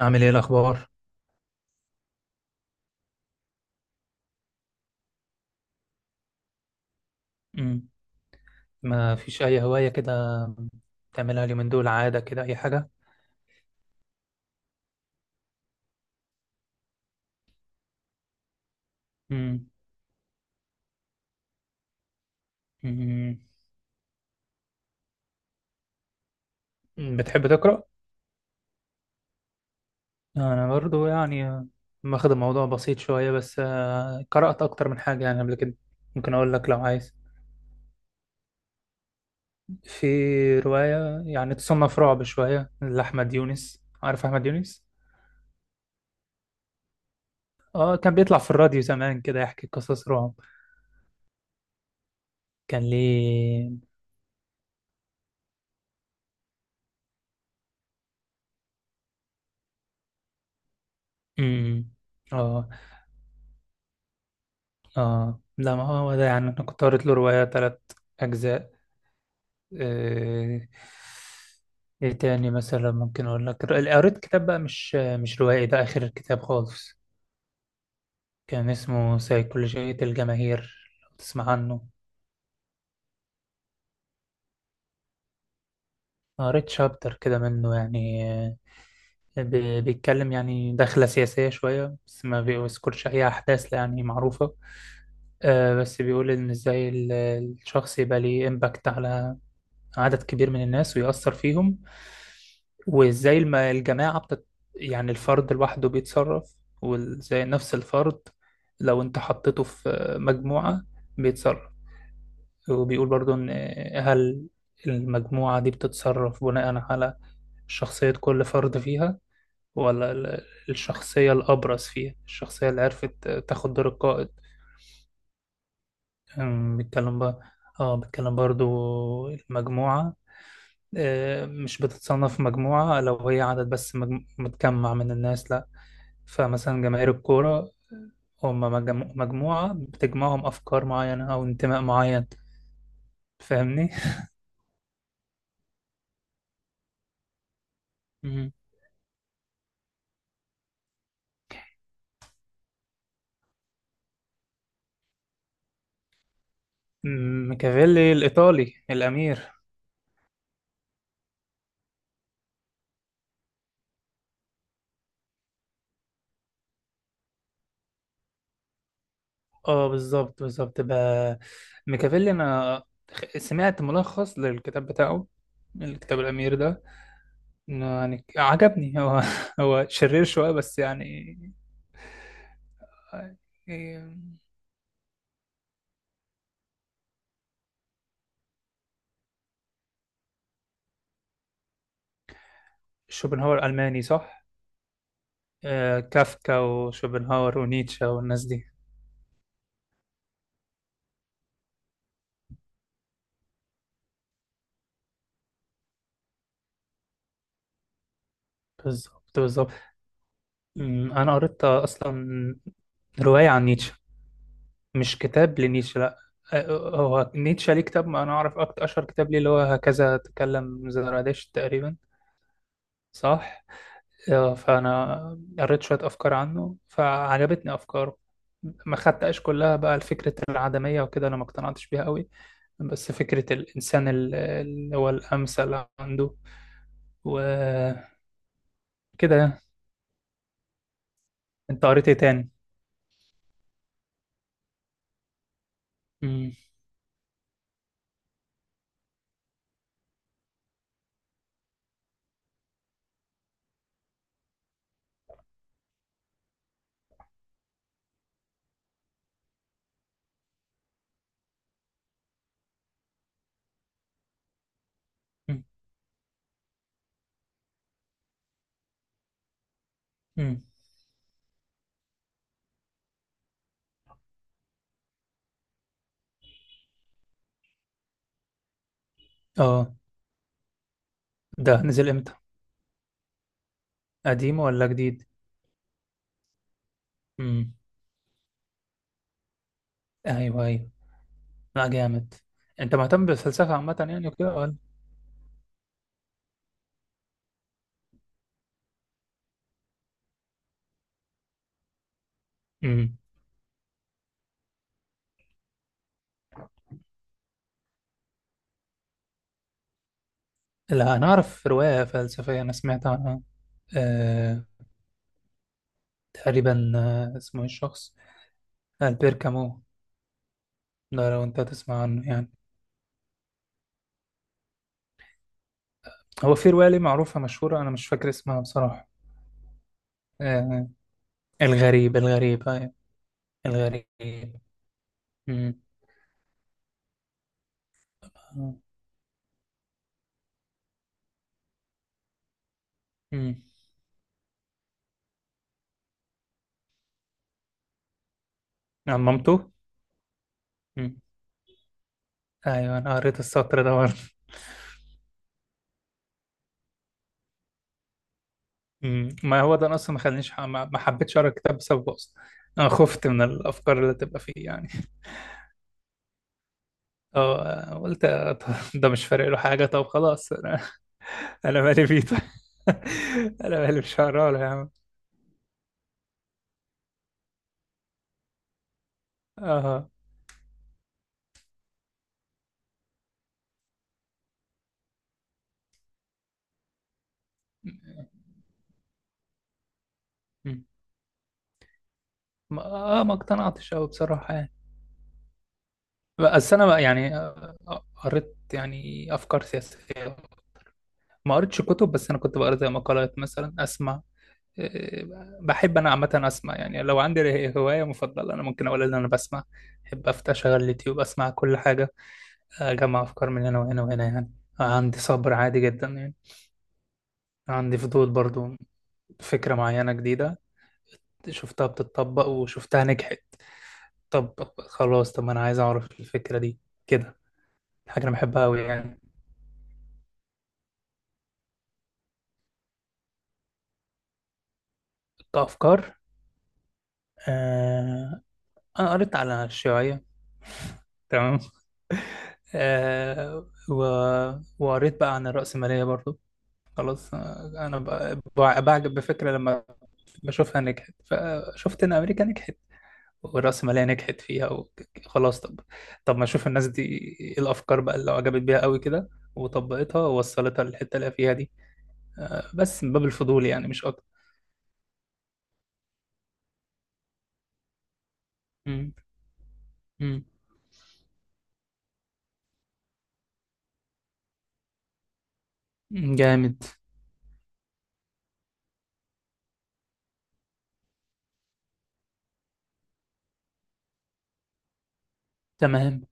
عامل ايه الاخبار؟ امم ما فيش اي هوايه كده تعملها اليومين دول عاده، كده اي حاجه؟ امم أمم. مم، بتحب تقرا؟ انا برضو يعني واخد الموضوع بسيط شويه، بس قرات اكتر من حاجه يعني قبل كده. ممكن اقول لك لو عايز. في روايه يعني تصنف رعب شويه لاحمد يونس، عارف احمد يونس؟ اه كان بيطلع في الراديو زمان كده يحكي قصص رعب. كان ليه أمم. اه اه لا، ما هو ده يعني انا كنت قريت له رواية تلات اجزاء. آه، ايه تاني مثلا؟ ممكن اقول لك قريت كتاب بقى، مش روائي، ده اخر كتاب خالص. كان اسمه سيكولوجية الجماهير، لو تسمع عنه. قريت شابتر كده منه يعني، بيتكلم يعني دخلة سياسية شوية، بس ما بيذكرش أي أحداث يعني معروفة. بس بيقول إن إزاي الشخص يبقى ليه إمباكت على عدد كبير من الناس ويأثر فيهم. وازاي الجماعة يعني الفرد لوحده بيتصرف، وازاي نفس الفرد لو انت حطيته في مجموعة بيتصرف. وبيقول برضو ان هل المجموعة دي بتتصرف بناء على شخصية كل فرد فيها، ولا الشخصية الأبرز فيها، الشخصية اللي عرفت تاخد دور القائد. بيتكلم بقى. اه بيتكلم برضو المجموعة مش بتتصنف مجموعة لو هي عدد بس، متجمع من الناس، لا. فمثلا جماهير الكورة هم مجموعة بتجمعهم أفكار معينة أو انتماء معين، فاهمني؟ مم. ميكافيلي الإيطالي، الأمير. اه بالظبط، بالظبط بقى. ميكافيلي، أنا سمعت ملخص للكتاب بتاعه، الكتاب الأمير ده. إنه يعني عجبني، هو هو شرير شوية بس يعني. آه، آه، شوبنهاور ألماني صح؟ كافكا وشوبنهاور ونيتشه والناس دي. بالظبط، بالظبط. انا قريت اصلا روايه عن نيتشه، مش كتاب لنيتشه، لا. هو نيتشه ليه كتاب، ما انا اعرف اكتر اشهر كتاب ليه، اللي هو هكذا تكلم زرادشت تقريبا، صح. فانا قريت شويه افكار عنه فعجبتني افكاره. ما خدتهاش كلها بقى، الفكرة العدمية وكده أنا ما اقتنعتش بيها قوي، بس فكرة الإنسان اللي هو الأمثل عنده وكده. انت قريت ايه تاني؟ امم امم امم. اه. ده نزل امتى؟ قديم ولا جديد؟ امم، ايوه ايوه. لا، جامد. انت مهتم بالفلسفه عامه يعني وكده ولا؟ امم. لا انا اعرف روايه فلسفيه، انا سمعت عنها. آه تقريبا، آه اسمه إيه الشخص، البير كامو. ده لو انت تسمع عنه يعني. هو في روايه ليه معروفه مشهوره، انا مش فاكر اسمها بصراحه. آه الغريب، الغريب، ايوه، الغريب. امم. امم، عن مامته. ايوه انا قريت السطر ده برضه. ما هو ده أنا اصلا ما خلانيش، ما حبيتش اقرا الكتاب بسببه اصلا. انا خفت من الافكار اللي تبقى فيه يعني. اه قلت طب ده مش فارق له حاجه، طب خلاص انا، انا مالي بيه طيب. انا مالي، مش هقرا له يا عم. اه أمم. ما ما اقتنعتش قوي بصراحه يعني. بس انا بقى يعني، قريت يعني افكار سياسيه. ما قريتش كتب، بس انا كنت بقرا زي مقالات مثلا، اسمع. بحب انا عامه اسمع، يعني لو عندي هوايه مفضله انا ممكن اقول ان انا بسمع. بحب افتح اشغل اليوتيوب اسمع كل حاجه، اجمع افكار من هنا وهنا وهنا يعني. عندي صبر عادي جدا يعني. عندي فضول برضو، فكره معينه جديده شفتها بتتطبق وشفتها نجحت، طب خلاص طب ما انا عايز اعرف الفكره دي كده. حاجه انا بحبها قوي يعني. كافكار آه، انا قريت على الشيوعيه، تمام. آه و... وقريت بقى عن الرأسمالية برضو. خلاص، انا بعجب بفكره لما بشوفها نجحت. فشفت ان امريكا نجحت والرأسمالية نجحت فيها، وخلاص طب، طب ما اشوف الناس دي ايه الافكار بقى اللي عجبت بيها قوي كده وطبقتها ووصلتها للحته اللي هي فيها دي. بس من باب الفضول يعني، مش اكتر. مم. مم. جامد. تمام.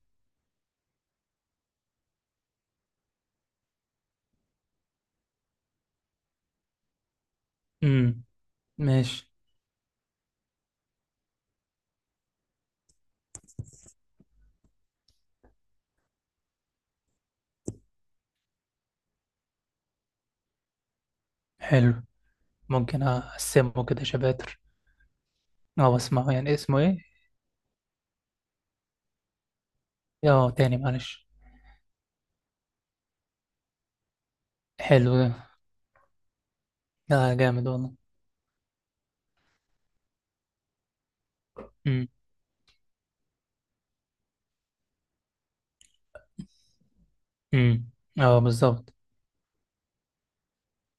مم. ماشي. حلو. ممكن اقسمه كده شباتر او اسمعه يعني؟ اسمه ايه؟ اه تاني معلش. حلو ده. جامد والله. امم. اه بالظبط.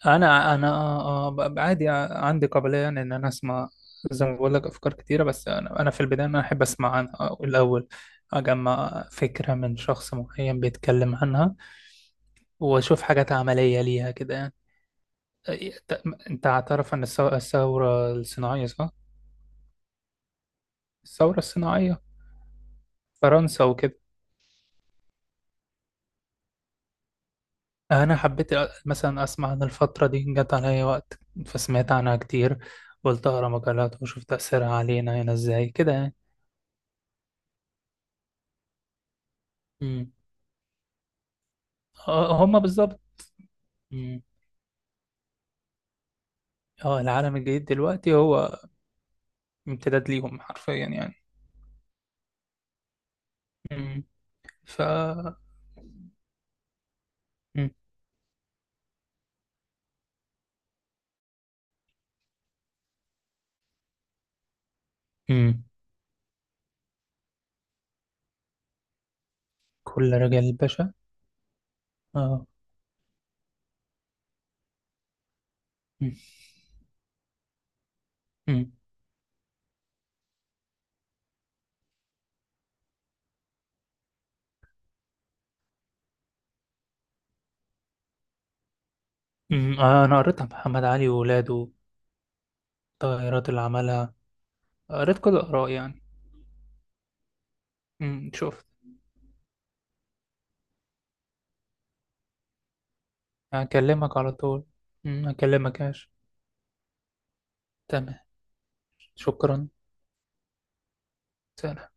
انا انا آه، آه، ب- عادي آه، عندي قابليه يعني ان انا اسمع، زي ما بقول لك، افكار كتيره. بس انا في البدايه انا احب اسمع عنها الاول، اجمع فكره من شخص معين بيتكلم عنها واشوف حاجات عمليه ليها كده يعني. ت- انت هتعرف ان الثوره الصناعيه، صح؟ الثوره الصناعيه، فرنسا وكده. انا حبيت مثلا اسمع عن الفتره دي، جت عليا وقت فسمعت عنها كتير، قلت اقرا مقالات واشوف تاثيرها علينا هنا ازاي كده يعني. مم. هما بالظبط. مم. اه العالم الجديد دلوقتي هو امتداد ليهم حرفيا يعني. مم. ف مم. مم. كل رجال باشا. اه. مم. مم. مم. آه انا قريت عن محمد علي وولاده، التغيرات اللي عملها، قريت كل الاراء يعني. مم. شفت، هكلمك على طول. مم. هكلمك ياش. تمام. شكرا. سلام.